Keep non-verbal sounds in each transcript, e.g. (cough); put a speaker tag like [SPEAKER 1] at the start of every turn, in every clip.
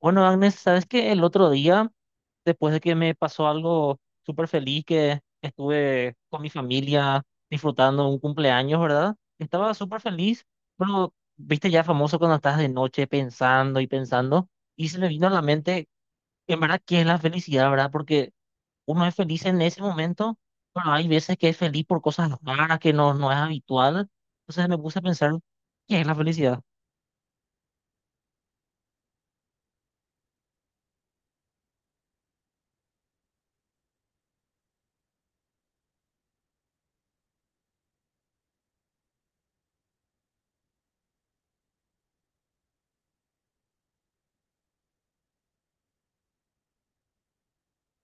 [SPEAKER 1] Bueno, Agnes, sabes que el otro día, después de que me pasó algo súper feliz, que estuve con mi familia disfrutando un cumpleaños, ¿verdad? Estaba súper feliz, pero viste ya famoso cuando estás de noche pensando y pensando, y se me vino a la mente, en verdad, ¿qué es la felicidad, verdad? Porque uno es feliz en ese momento, pero hay veces que es feliz por cosas raras que no es habitual. Entonces me puse a pensar, ¿qué es la felicidad?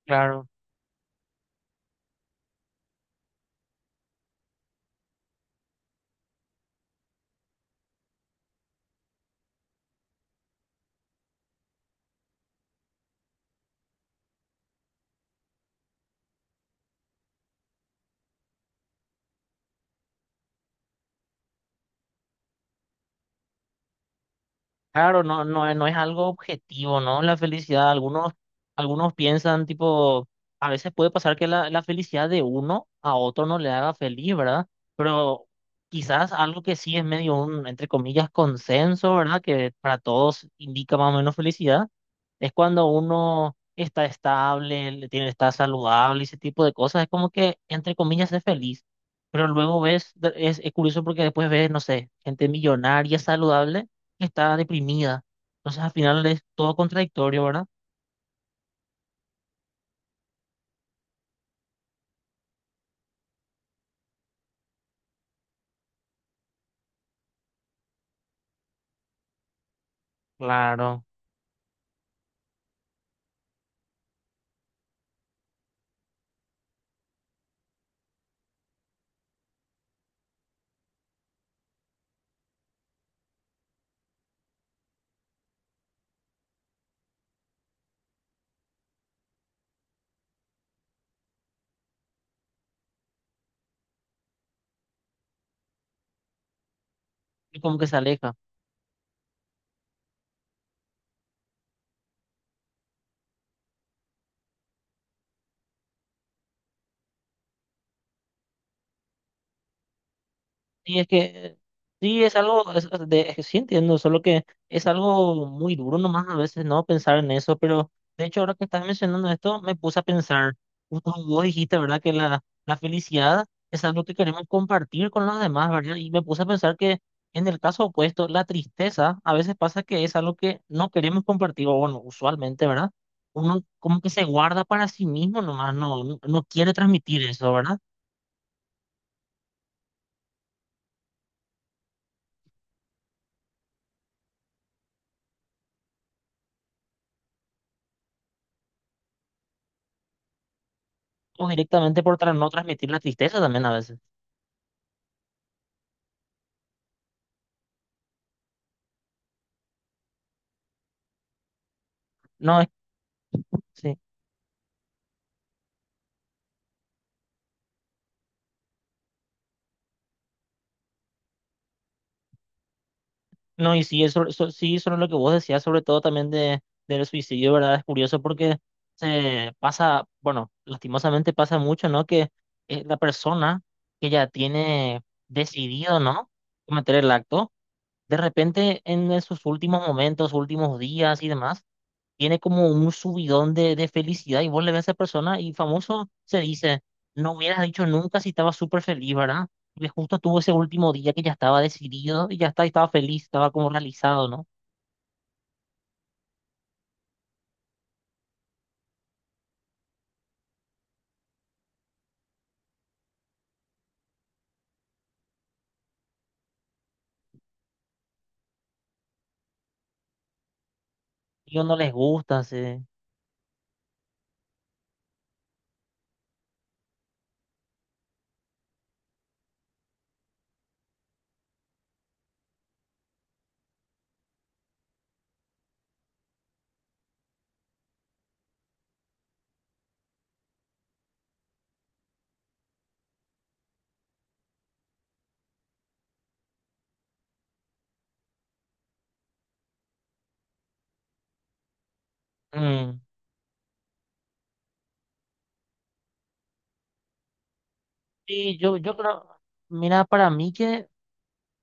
[SPEAKER 1] Claro. Claro, no, no, no es algo objetivo, ¿no? La felicidad, algunos, algunos piensan, tipo, a veces puede pasar que la felicidad de uno a otro no le haga feliz, ¿verdad? Pero quizás algo que sí es medio un, entre comillas, consenso, ¿verdad? Que para todos indica más o menos felicidad, es cuando uno está estable, le tiene, está saludable, ese tipo de cosas, es como que, entre comillas, es feliz. Pero luego ves, es curioso porque después ves, no sé, gente millonaria, saludable está deprimida. Entonces al final es todo contradictorio, ¿verdad? Claro. Y como que se aleja. Sí, es que sí es algo, es, es que sí entiendo, solo que es algo muy duro nomás a veces no pensar en eso, pero de hecho ahora que estás mencionando esto me puse a pensar, justo vos dijiste, ¿verdad? Que la felicidad es algo que queremos compartir con los demás, ¿verdad? Y me puse a pensar que en el caso opuesto, la tristeza a veces pasa que es algo que no queremos compartir, o bueno, usualmente, ¿verdad? Uno como que se guarda para sí mismo nomás, no quiere transmitir eso, ¿verdad? O directamente por no transmitir la tristeza también a veces. No, es- sí. No, y sí, eso, sí, sobre lo que vos decías, sobre todo también de, del suicidio, ¿verdad? Es curioso porque se pasa, bueno, lastimosamente pasa mucho, ¿no? Que la persona que ya tiene decidido, ¿no? Cometer el acto, de repente sus últimos momentos, últimos días y demás, tiene como un subidón de felicidad y vos le ves a esa persona y famoso se dice, no hubieras dicho nunca si estaba súper feliz, ¿verdad? Porque justo tuvo ese último día que ya estaba decidido y ya está, estaba feliz, estaba como realizado, ¿no? Ellos no les gusta, sí. Mm. Sí, yo creo, mira, para mí que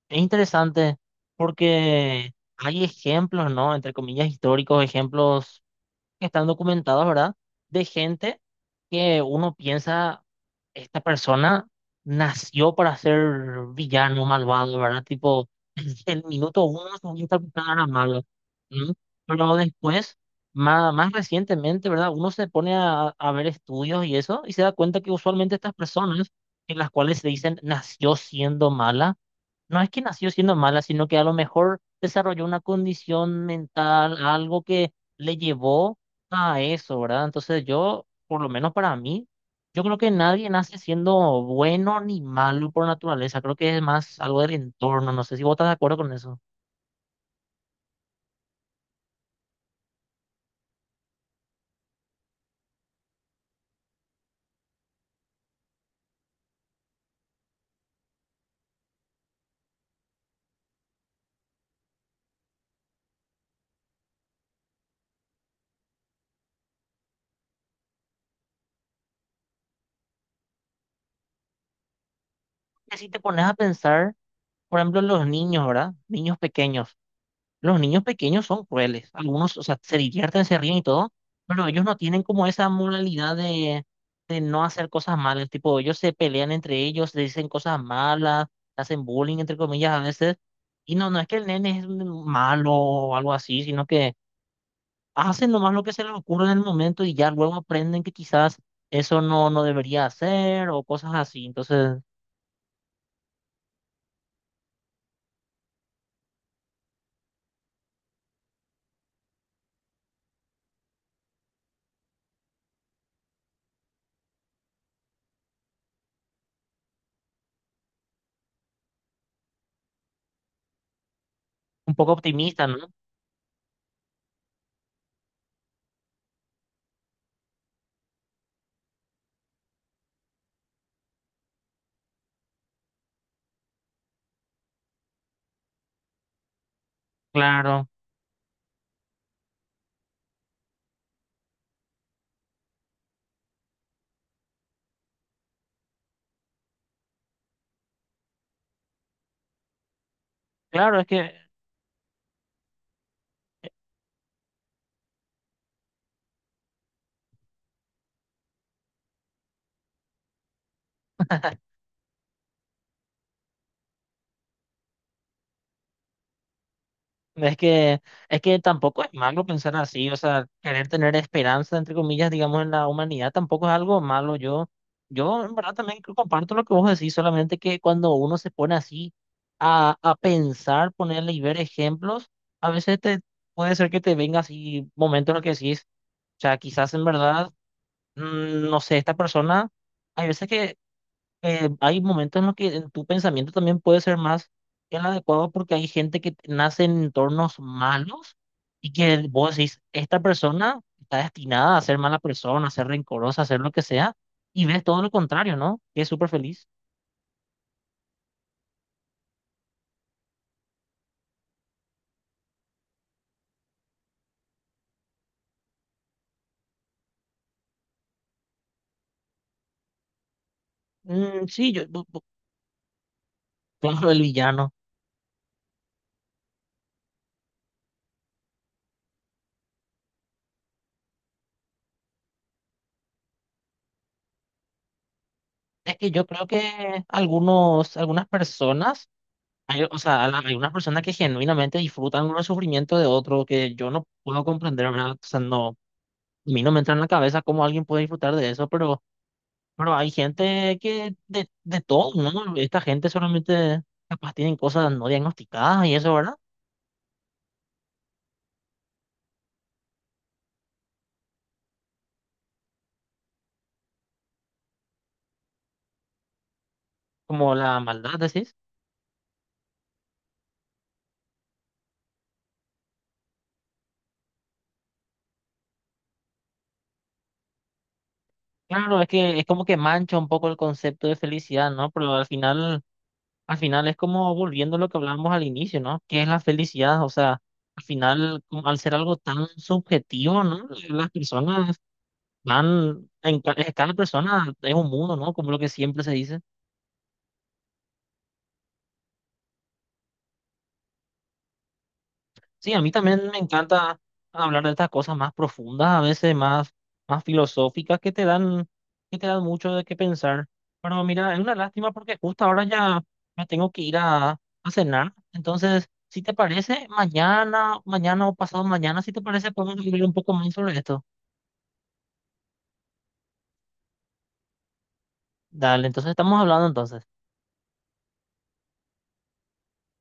[SPEAKER 1] es interesante porque hay ejemplos, ¿no? Entre comillas, históricos, ejemplos que están documentados, ¿verdad? De gente que uno piensa, esta persona nació para ser villano, malvado, ¿verdad? Tipo, (clears throat) el minuto uno se sabía a era malo, ¿no? Pero después, más recientemente, ¿verdad? Uno se pone a ver estudios y eso, y se da cuenta que usualmente estas personas, en las cuales se dicen nació siendo mala, no es que nació siendo mala, sino que a lo mejor desarrolló una condición mental, algo que le llevó a eso, ¿verdad? Entonces yo, por lo menos para mí, yo creo que nadie nace siendo bueno ni malo por naturaleza. Creo que es más algo del entorno. No sé si vos estás de acuerdo con eso. Que si te pones a pensar, por ejemplo, en los niños, ¿verdad? Niños pequeños. Los niños pequeños son crueles. Algunos, o sea, se divierten, se ríen y todo, pero ellos no tienen como esa moralidad de no hacer cosas malas. Tipo, ellos se pelean entre ellos, se dicen cosas malas, hacen bullying, entre comillas, a veces. Y no es que el nene es un malo o algo así, sino que hacen nomás lo que se les ocurre en el momento y ya luego aprenden que quizás eso no debería hacer o cosas así. Entonces, un poco optimista, ¿no? Claro, claro, es que, tampoco es malo pensar así, o sea, querer tener esperanza, entre comillas, digamos, en la humanidad tampoco es algo malo. Yo en verdad también comparto lo que vos decís, solamente que cuando uno se pone así a pensar, ponerle y ver ejemplos, a veces te puede ser que te venga así momentos en los que decís, o sea, quizás en verdad, no sé, esta persona, hay veces que hay momentos en los que en tu pensamiento también puede ser más que el adecuado porque hay gente que nace en entornos malos y que vos decís, esta persona está destinada a ser mala persona, a ser rencorosa, a ser lo que sea, y ves todo lo contrario, ¿no? Que es súper feliz. Mm, sí, claro, el villano. Es que yo creo que algunos, algunas personas, hay, o sea, hay unas personas que genuinamente disfrutan el sufrimiento de otro que yo no puedo comprender, ¿verdad? O sea, no. A mí no me entra en la cabeza cómo alguien puede disfrutar de eso, pero hay gente que de todo, ¿no? Esta gente solamente capaz tienen cosas no diagnosticadas y eso, ¿verdad? Como la maldad, decís. Claro, es que es como que mancha un poco el concepto de felicidad, ¿no? Pero al final es como volviendo a lo que hablábamos al inicio, ¿no? ¿Qué es la felicidad? O sea, al final, como al ser algo tan subjetivo, ¿no? Las personas van, cada persona es un mundo, ¿no? Como lo que siempre se dice. Sí, a mí también me encanta hablar de estas cosas más profundas, a veces más, más filosóficas, que te dan mucho de qué pensar. Pero mira, es una lástima porque justo ahora ya me tengo que ir a cenar. Entonces, si te parece, mañana o pasado mañana, si te parece, podemos hablar un poco más sobre esto. Dale, entonces estamos hablando entonces.